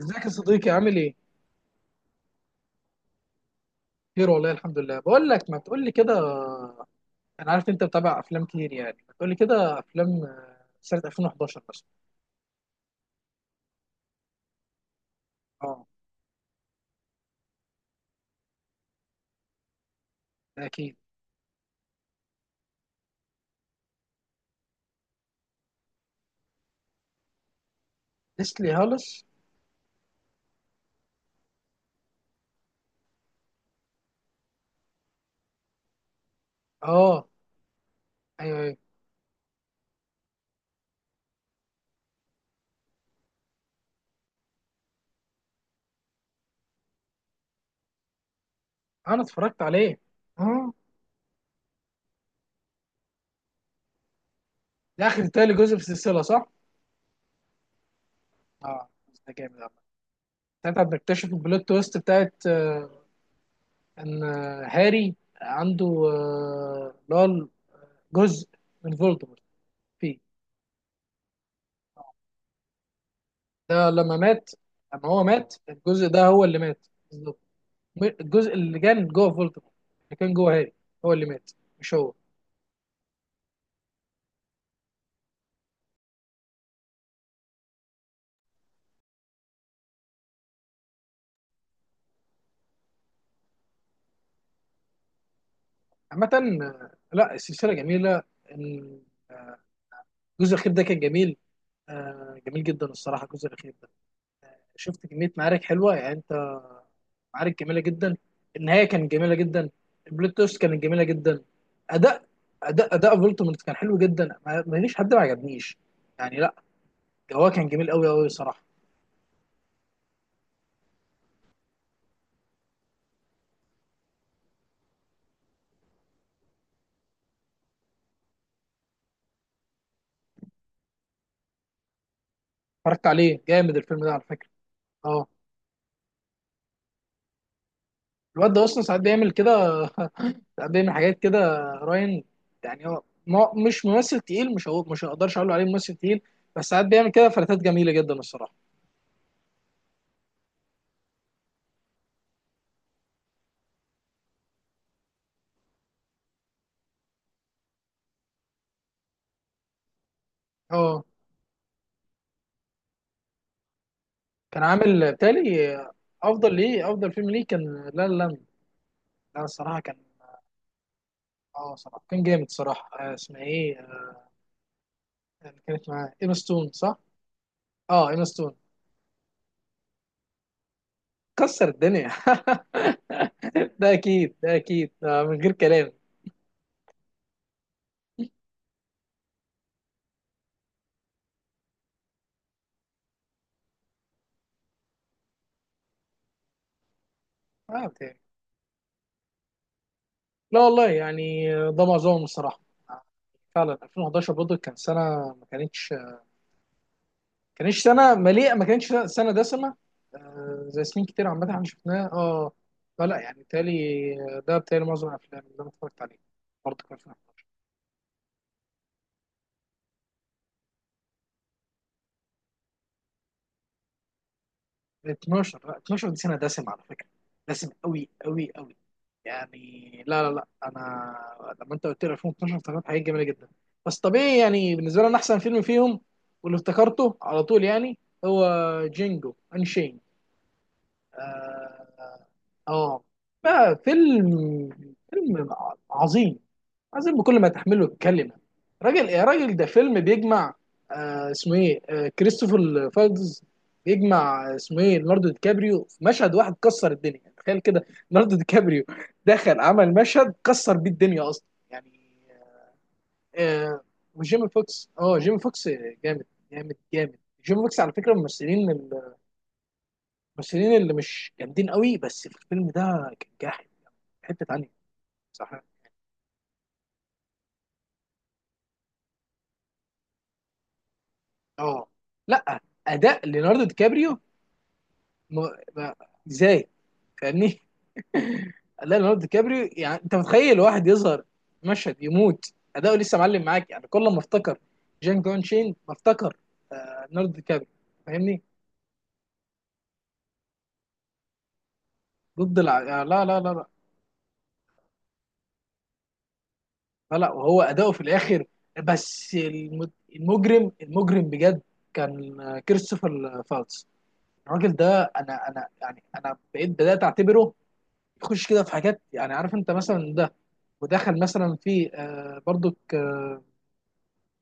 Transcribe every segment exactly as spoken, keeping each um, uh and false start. ازيك يا صديقي؟ عامل ايه؟ خير والله، الحمد لله. بقول لك، ما تقول لي كده، انا عارف انت بتابع افلام كتير. يعني ما تقول لي كده افلام، آه، سنة الفين وحداشر مثلا. اه، ده اكيد. ليسلي هالس. اه، ايوه ايوه، انا اتفرجت عليه. اه، ده اخر تالي جزء في السلسلة، صح؟ اه، ده جامد عامة. ساعتها بنكتشف البلوت تويست بتاعت، آه، ان آه، هاري عنده، آه، اللي هو جزء من فولدمورت فيه. ده لما مات، لما هو مات الجزء ده هو اللي مات بالظبط. م- الجزء اللي كان جوه فولتمور، اللي كان جوه هي، هو اللي مات، مش هو. عامة، آه، لا السلسلة جميلة. ال- آه، الجزء الأخير ده كان جميل، آه، جميل جدا الصراحة الجزء الأخير ده. شفت كمية معارك حلوة يعني أنت، معارك جميلة جدا. النهاية كانت جميلة جدا، البلوت تويست كانت جميلة جدا. أداء، أداء أداء فولتمورت كان حلو جدا، ما ما فيش حد ما عجبنيش، يعني لا، هو كان جميل قوي قوي صراحة. اتفرجت عليه، جامد الفيلم ده على فكره. اه، الواد ده اصلا ساعات بيعمل كده. ساعات بيعمل حاجات كده. راين، يعني هو ما- مش ممثل تقيل، مش هقول، مش هقدرش اقول عليه ممثل تقيل، بس ساعات بيعمل كده فلاتات جميله جدا الصراحه. اه، كان عامل بالتالي افضل ليه، افضل فيلم ليه كان، لا لا لا، لا، الصراحه كان، اه صراحه كان جامد صراحه. آه، اسمها ايه؟ آه، كانت معاه ايما ستون صح؟ اه، ايما ستون كسر الدنيا. ده اكيد، ده اكيد، ده من غير كلام. آه، لا والله، يعني ده معظمهم الصراحه. فعلا الفين واحد عشر برضه كان سنه ما كانتش ما كانتش سنه مليئه، ما كانتش سنه دسمه، آه، زي سنين كتير عامه احنا شفناها. اه، فلا يعني بالتالي، ده بالتالي معظم الافلام اللي انا اتفرجت عليها برضه كان فيها. اتناشر، لا اتناشر دي سنه دسم على فكره، دسم قوي قوي قوي. يعني لا لا لا، انا لما انت قلت لي الفين واتناشر افتكرت حاجات جميله جدا. بس طبيعي، يعني بالنسبه لي انا احسن فيلم فيهم واللي افتكرته على طول يعني هو جينجو انشين. اه. آه. لا، فيلم، فيلم عظيم، عظيم بكل ما تحمله الكلمه. راجل يا راجل، ده فيلم بيجمع، آه اسمه ايه؟ آه، كريستوفر فالدز. بيجمع، آه، اسمه ايه، ليوناردو دي كابريو في مشهد واحد كسر الدنيا، يعني تخيل كده. ليوناردو دي كابريو دخل عمل مشهد كسر بيه الدنيا اصلا يعني. آه، وجيمي فوكس، اه جيمي فوكس جامد، جامد جامد. جيمي فوكس على فكره من الممثلين، الممثلين اللي مش جامدين قوي، بس في الفيلم ده كان جاحد، حته تانيه. صح. اه، لا اداء ليوناردو دي كابريو، ما ما، ازاي، فاهمني؟ لا، ليوناردو دي كابريو، يعني انت متخيل واحد يظهر مشهد يموت اداؤه، لسه معلم معاك، يعني كل ما افتكر جان كون شين ما افتكر، آه، ليوناردو دي كابريو. فاهمني؟ ضد الع... آه، لا لا لا لا. لا لا، وهو اداؤه في الاخر، بس الم- المجرم، المجرم بجد كان، آه، كريستوفر فالتس. الراجل ده انا، انا يعني انا بقيت بدات اعتبره يخش كده في حاجات، يعني عارف انت مثلا ده، ودخل مثلا في، آه، برضك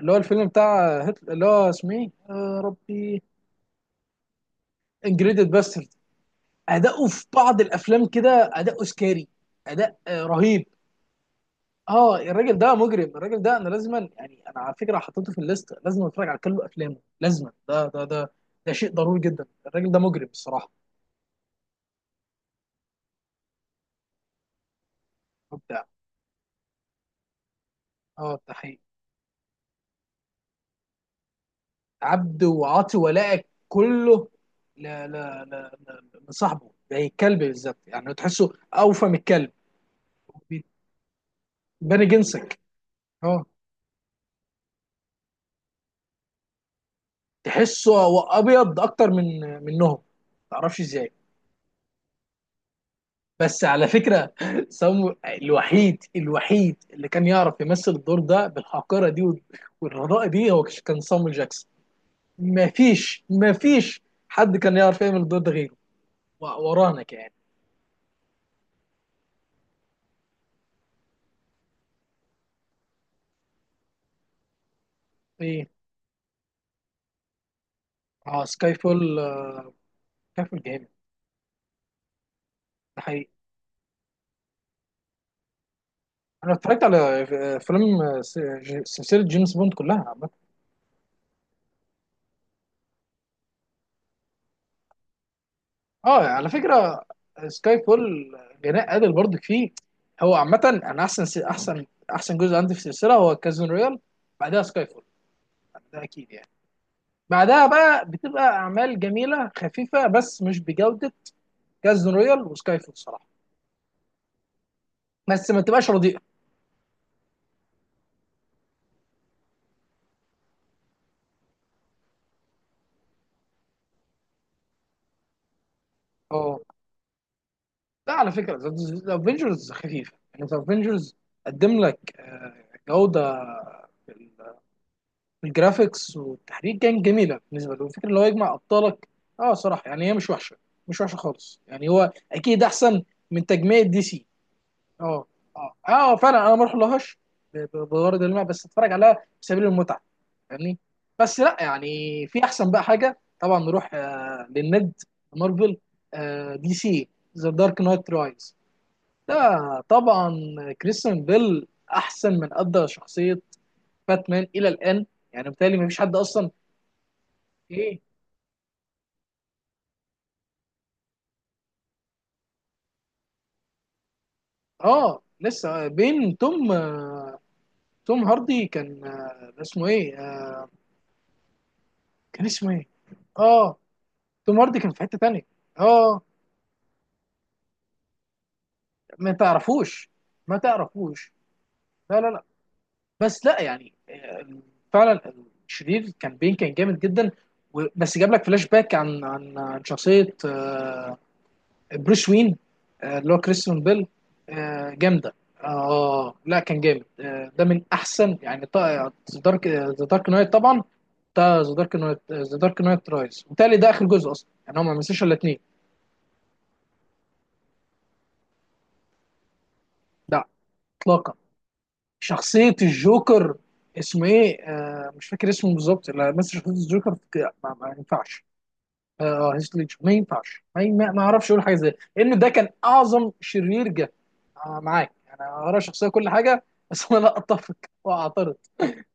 اللي هو الفيلم بتاع هتل... اللي هو اسمه ايه يا ربي؟ انجريدد باسترد. اداؤه في بعض الافلام كده اداؤه سكاري، اداء آه، رهيب. اه، الراجل ده مجرم، الراجل ده انا لازما، يعني انا على فكره حطيته في الليست، لازم اتفرج على كل افلامه لازما، ده ده ده ده شيء ضروري جدا. الراجل ده مجرم الصراحه، مبدع. اه، ده حقيقي. عبد وعاطي ولائك كله، لا لا لا، لصاحبه زي الكلب بالظبط، يعني تحسه اوفى من الكلب. بيبان جنسك. اه، تحسه هو ابيض اكتر من منهم، ما تعرفش ازاي. بس على فكره سامو الوحيد، الوحيد اللي كان يعرف يمثل الدور ده بالحقيره دي وال- والرضاء دي، هو كان صامويل جاكسون. ما فيش ما فيش حد كان يعرف يعمل الدور ده غيره، و- ورانا كمان. ايه؟ اه، سكاي فول. آه، سكاي فول جامد، ده حقيقي. انا اتفرجت على افلام سلسله جيمس بوند كلها عامه. اه، على فكره سكاي فول جناء قادر برضك فيه. هو عامه انا احسن س... احسن احسن جزء عندي في السلسله هو كازون رويال، بعدها سكاي فول، ده اكيد يعني. بعدها بقى بتبقى اعمال جميله خفيفه بس مش بجوده كازون رويال وسكاي فول صراحه، بس ما تبقاش رديئه. اه، لا على فكره ذا افنجرز خفيفه، يعني ذا افنجرز قدم لك، آه، جوده الجرافيكس والتحريك كان جميله بالنسبه له، الفكره اللي هو يجمع ابطالك. اه، صراحه يعني هي مش وحشه، مش وحشه خالص، يعني هو اكيد احسن من تجميع دي سي. اه، اه اه فعلا انا ما اروح لهاش، ب- ب- بغرض الماء، بس اتفرج عليها في سبيل المتعه، فاهمني؟ بس لا يعني في احسن بقى حاجه طبعا، نروح آه للند مارفل، آه دي سي. ذا دارك نايت رايز ده، طبعا كريستيان بيل احسن من ادى شخصيه باتمان الى الان، يعني بالتالي ما فيش حد اصلا. ايه؟ اه لسه بين، توم، توم هاردي كان، آه، اسمه ايه؟ آه، كان اسمه ايه اه، توم هاردي كان في حتة تانية. اه، ما تعرفوش؟ ما تعرفوش؟ لا لا لا، بس لا يعني، آه، فعلا الشرير كان بين، كان جامد جدا، و- بس جاب لك فلاش باك عن عن عن شخصية، آه، بروس وين، آه، اللي هو كريستيان بيل، آه، جامدة. اه، لا كان جامد، آه، ده من احسن، يعني ذا دارك، ذا دارك نايت طبعا، ده ذا دارك نايت، ذا دارك نايت رايز، وبالتالي ده اخر جزء اصلا، يعني هو ما مثلش الا اتنين. لا، اطلاقا. شخصيه الجوكر، اسمه ايه؟ آه، مش فاكر اسمه بالظبط. لا، مثل شخصيه الجوكر، في- ما, ما ينفعش. اه، آه، هيث ليدجر، ما ينفعش، ما, ما ما اعرفش اقول حاجه زي كده، لان ده كان اعظم شرير جه. آه، معاك يعني انا ارى شخصيه كل حاجه، بس انا لا اتفق، واعترض،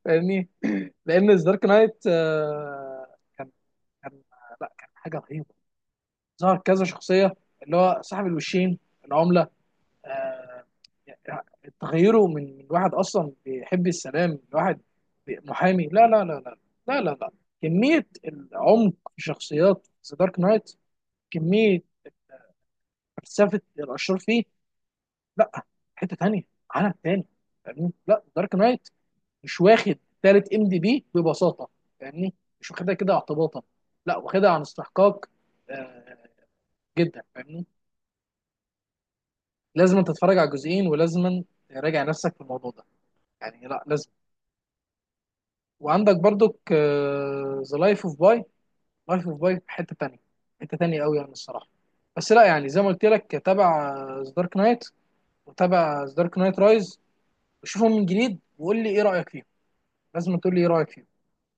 فاهمني؟ لان ذا دارك نايت آه كان كان، لا، كان حاجه رهيبه، ظهر كذا شخصيه، اللي هو صاحب الوشين، العمله، آه يعني تغيره من من واحد اصلا بيحب السلام لواحد، بي- محامي، لا لا لا لا لا لا. لا، كميه العمق في شخصيات ذا دارك نايت، كميه فلسفه الاشرار فيه، لا، حته تانيه، عالم تاني، فاهمني؟ لا دارك نايت مش واخد تالت ام دي بي ببساطه، فاهمني؟ مش واخدها كده اعتباطا، لا واخدها عن استحقاق، آه، جدا، فاهمني؟ لازم تتفرج على الجزئين، ولازم تراجع نفسك في الموضوع ده، يعني لا لازم. وعندك برضك ذا لايف اوف باي، لايف اوف باي حته تانية، حته تانية قوي يعني الصراحه. بس لا يعني، زي ما قلت لك تابع ذا دارك نايت، وتابع ذا دارك نايت رايز، وشوفهم من جديد، وقول لي ايه رايك فيهم؟ لازم تقول لي ايه رايك فيهم.